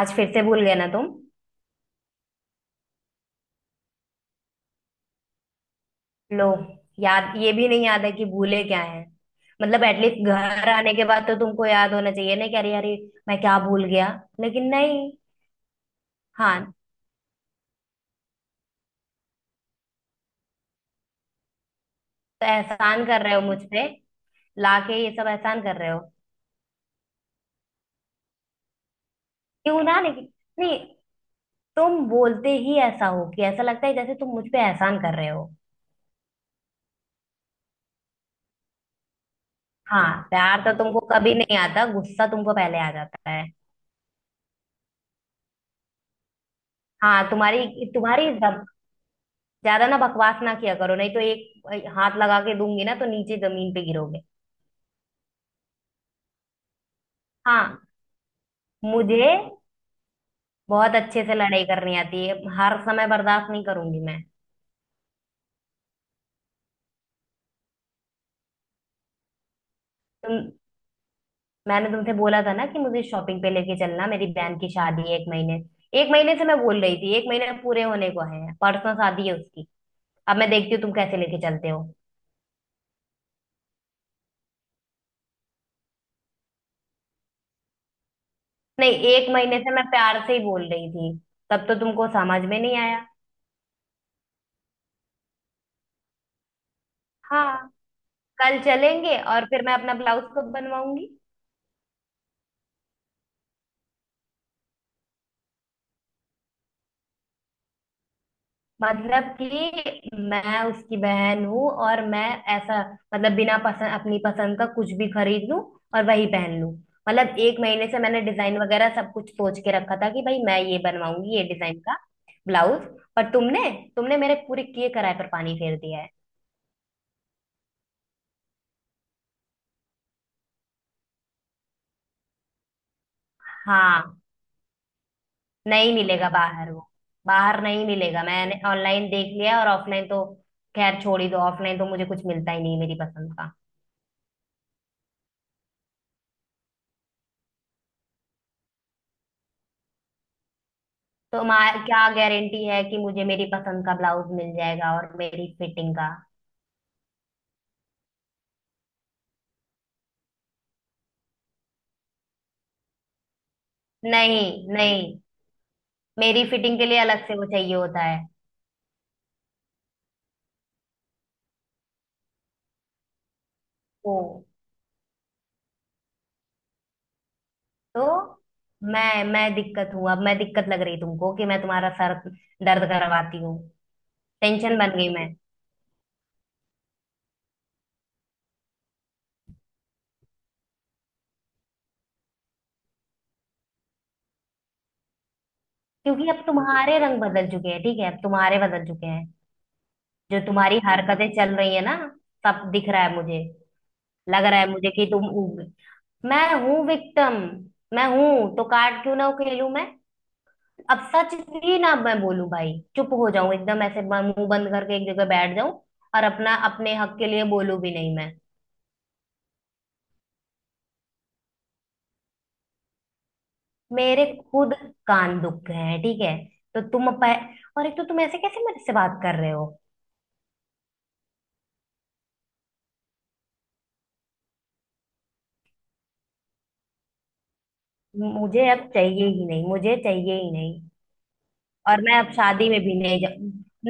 आज फिर से भूल गए ना तुम। लो। याद ये भी नहीं, याद है कि भूले क्या है। मतलब एटलीस्ट घर आने के बाद तो तुमको याद होना चाहिए ना कि अरे अरे मैं क्या भूल गया। लेकिन नहीं। हाँ, तो एहसान कर रहे हो मुझ पे? लाके ये सब एहसान कर रहे हो? क्यों ना? लेकिन नहीं, तुम बोलते ही ऐसा हो कि ऐसा लगता है जैसे तुम मुझ पे एहसान कर रहे हो। हाँ, प्यार तो तुमको कभी नहीं आता, गुस्सा तुमको पहले आ जाता है। हाँ, तुम्हारी तुम्हारी ज्यादा ना बकवास ना किया करो, नहीं तो एक हाथ लगा के दूंगी ना तो नीचे जमीन पे गिरोगे। हाँ, मुझे बहुत अच्छे से लड़ाई करनी आती है। हर समय बर्दाश्त नहीं करूंगी मैं। तुम, मैंने तुमसे बोला था ना कि मुझे शॉपिंग पे लेके चलना, मेरी बहन की शादी है। एक महीने, एक महीने से मैं बोल रही थी, एक महीने पूरे होने को है, परसों शादी है उसकी। अब मैं देखती हूँ तुम कैसे लेके चलते हो। नहीं, एक महीने से मैं प्यार से ही बोल रही थी, तब तो तुमको समझ में नहीं आया। हाँ, कल चलेंगे और फिर मैं अपना ब्लाउज कब बनवाऊंगी? मतलब कि मैं उसकी बहन हूँ, और मैं ऐसा, मतलब बिना पसंद, अपनी पसंद का कुछ भी खरीद लूँ और वही पहन लूँ? मतलब एक महीने से मैंने डिजाइन वगैरह सब कुछ सोच के रखा था कि भाई मैं ये बनवाऊंगी, ये डिजाइन का ब्लाउज। पर तुमने तुमने मेरे पूरे किए कराए पर पानी फेर दिया है। हाँ, नहीं मिलेगा बाहर वो। बाहर नहीं मिलेगा, मैंने ऑनलाइन देख लिया, और ऑफलाइन तो खैर छोड़ ही दो, ऑफलाइन तो मुझे कुछ मिलता ही नहीं मेरी पसंद का। तो हमारा क्या गारंटी है कि मुझे मेरी पसंद का ब्लाउज मिल जाएगा और मेरी फिटिंग का? नहीं। नहीं, मेरी फिटिंग के लिए अलग से वो चाहिए होता है। ओ, तो मैं दिक्कत हूं? अब मैं दिक्कत लग रही तुमको, कि मैं तुम्हारा सर दर्द करवाती हूँ? टेंशन बन गई मैं? क्योंकि अब तुम्हारे रंग बदल चुके हैं, ठीक है, अब तुम्हारे बदल चुके हैं। जो तुम्हारी हरकतें चल रही है ना, सब दिख रहा है मुझे। लग रहा है मुझे कि मैं हूं विक्टिम। मैं हूं तो कार्ड क्यों ना खेलूं मैं? अब सच भी ना मैं बोलूं भाई, चुप हो जाऊं एकदम, ऐसे मुंह बंद करके एक जगह बैठ जाऊं, और अपना अपने हक के लिए बोलूं भी नहीं मैं? मेरे खुद कान दुख हैं, ठीक है? तो तुम अप, और एक तो तुम ऐसे कैसे मेरे से बात कर रहे हो? मुझे अब चाहिए ही नहीं, मुझे चाहिए ही नहीं। और मैं अब शादी में भी नहीं जा,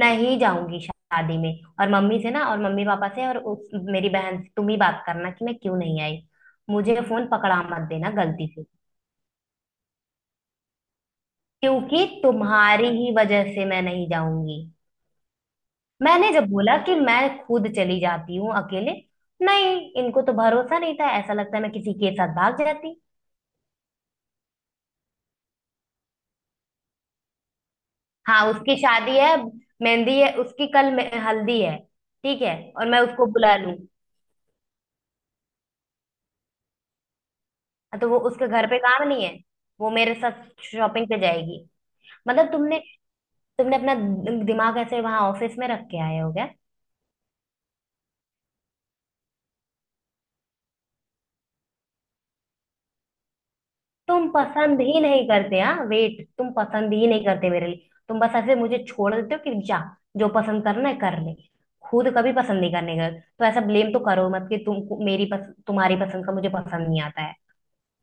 नहीं जाऊंगी शादी में। और मम्मी से ना, और मम्मी पापा से और उस मेरी बहन से तुम ही बात करना कि मैं क्यों नहीं आई। मुझे फोन पकड़ा मत देना गलती से। क्योंकि तुम्हारी ही वजह से मैं नहीं जाऊंगी। मैंने जब बोला कि मैं खुद चली जाती हूँ अकेले, नहीं, इनको तो भरोसा नहीं था, ऐसा लगता है मैं किसी के साथ भाग जाती। हाँ उसकी शादी है, मेहंदी है उसकी कल, हल्दी है। ठीक है, और मैं उसको बुला लूँ? हाँ। तो वो उसके घर पे काम नहीं है? वो मेरे साथ शॉपिंग पे जाएगी। मतलब तुमने तुमने अपना दिमाग ऐसे वहां ऑफिस में रख के आए हो? तुम पसंद ही नहीं करते, हाँ वेट, तुम पसंद ही नहीं करते मेरे लिए। तुम बस ऐसे मुझे छोड़ देते हो कि जा, जो पसंद करना है कर ले। खुद कभी पसंद नहीं करने का, तो ऐसा ब्लेम तो करो मत कि तुम मेरी पस, तुम्हारी पसंद का मुझे पसंद नहीं आता है।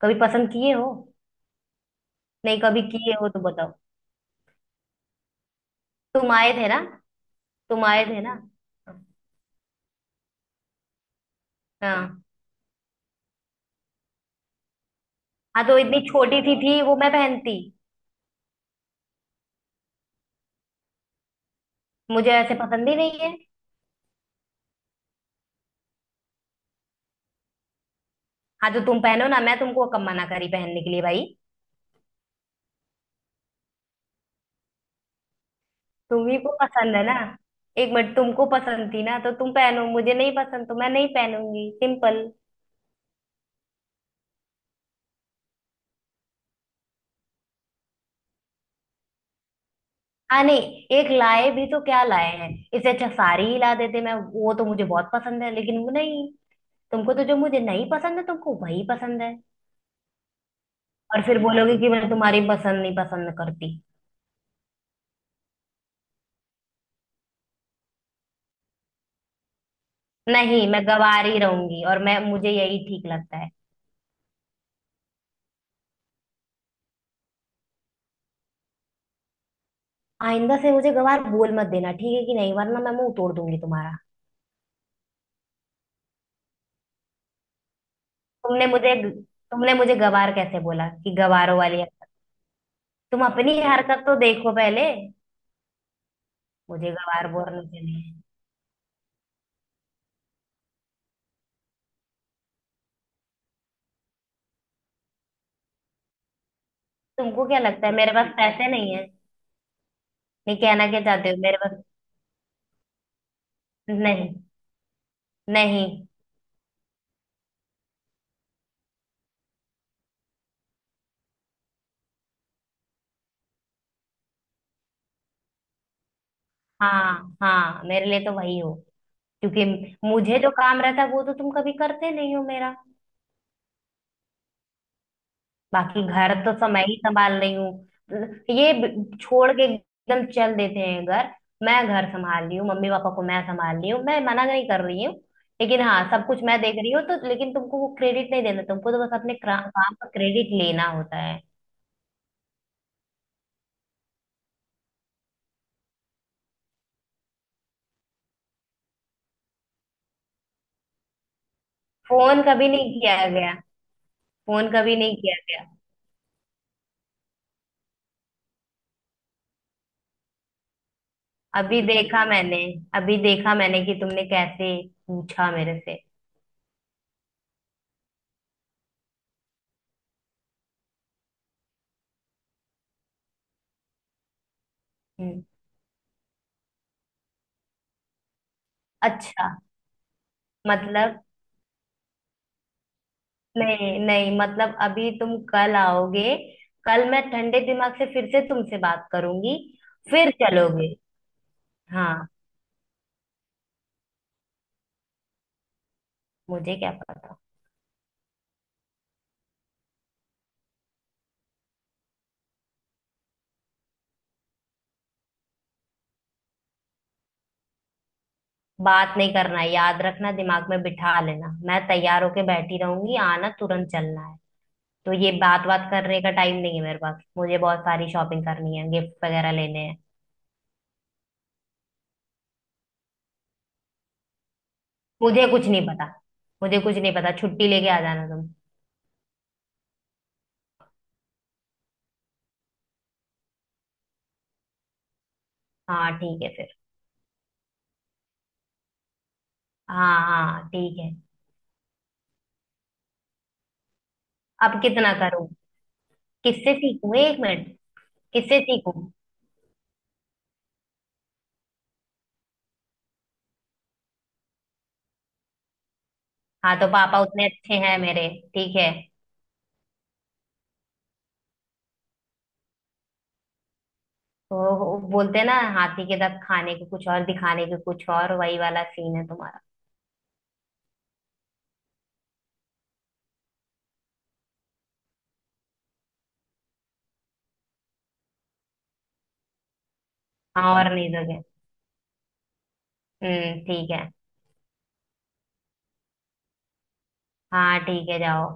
कभी पसंद किए हो? नहीं, कभी किए हो तो बताओ। तुम आए थे ना, तुम आए थे ना। हाँ, हाँ तो इतनी छोटी सी थी वो, मैं पहनती? मुझे ऐसे पसंद ही नहीं है। हाँ तो तुम पहनो ना, मैं तुमको कम मना करी पहनने के लिए भाई? तुम्ही को पसंद है ना, एक मिनट, तुमको पसंद थी ना तो तुम पहनो, मुझे नहीं पसंद तो मैं नहीं पहनूंगी, सिंपल। हाँ नहीं, एक लाए भी तो क्या लाए हैं, इससे अच्छा साड़ी ही ला देते, मैं वो तो मुझे बहुत पसंद है, लेकिन वो नहीं। तुमको तो जो मुझे नहीं पसंद है, तुमको वही पसंद है। और फिर बोलोगे कि मैं तुम्हारी पसंद नहीं पसंद करती। नहीं मैं गवार ही रहूंगी, और मैं, मुझे यही ठीक लगता है। आइंदा से मुझे गवार बोल मत देना, ठीक है कि नहीं, वरना मैं मुंह तोड़ दूंगी तुम्हारा। तुमने मुझे, तुमने मुझे गवार कैसे बोला, कि गवारों वाली? तुम अपनी हरकत तो देखो पहले। मुझे गवार बोलने के लिए! तुमको क्या लगता है मेरे पास पैसे नहीं है? नहीं, कहना क्या चाहते हो? मेरे पास नहीं? नहीं। हाँ हाँ, मेरे लिए तो वही हो। क्योंकि मुझे जो काम रहता है वो तो तुम कभी करते नहीं हो मेरा। बाकी घर तो सब मैं ही संभाल रही हूँ। ये छोड़ के एकदम चल देते हैं घर। मैं घर संभाल रही हूँ, मम्मी पापा को मैं संभाल रही हूँ। मैं मना नहीं कर रही हूँ, लेकिन हाँ सब कुछ मैं देख रही हूँ तो। लेकिन तुमको वो क्रेडिट नहीं देना, तुमको तो बस अपने काम का क्रेडिट लेना होता है। फोन कभी नहीं किया गया, फोन कभी नहीं किया गया। अभी देखा मैंने, अभी देखा मैंने कि तुमने कैसे पूछा मेरे से। हम्म, अच्छा। मतलब, नहीं नहीं, मतलब अभी तुम कल आओगे, कल मैं ठंडे दिमाग से फिर से तुमसे बात करूंगी, फिर चलोगे? हाँ, मुझे क्या पता। बात नहीं करना है, याद रखना, दिमाग में बिठा लेना, मैं तैयार होके बैठी रहूंगी, आना तुरंत, चलना है। तो ये बात बात करने का टाइम नहीं है मेरे पास, मुझे बहुत सारी शॉपिंग करनी है, गिफ्ट वगैरह लेने हैं। मुझे कुछ नहीं पता, मुझे कुछ नहीं पता, छुट्टी लेके आ जाना तुम। हाँ ठीक है फिर। हाँ हाँ ठीक है। अब कितना करूँ? किससे सीखूं, एक मिनट, किससे सीखूं? हाँ तो पापा उतने अच्छे हैं मेरे, ठीक है? तो वो बोलते हैं ना, हाथी के दांत खाने के कुछ और, दिखाने के कुछ और, वही वाला सीन है तुम्हारा। हाँ और नहीं दोगे। हम्म। ठीक है। हाँ ठीक है जाओ।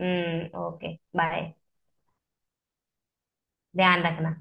हम्म, ओके बाय। ध्यान रखना।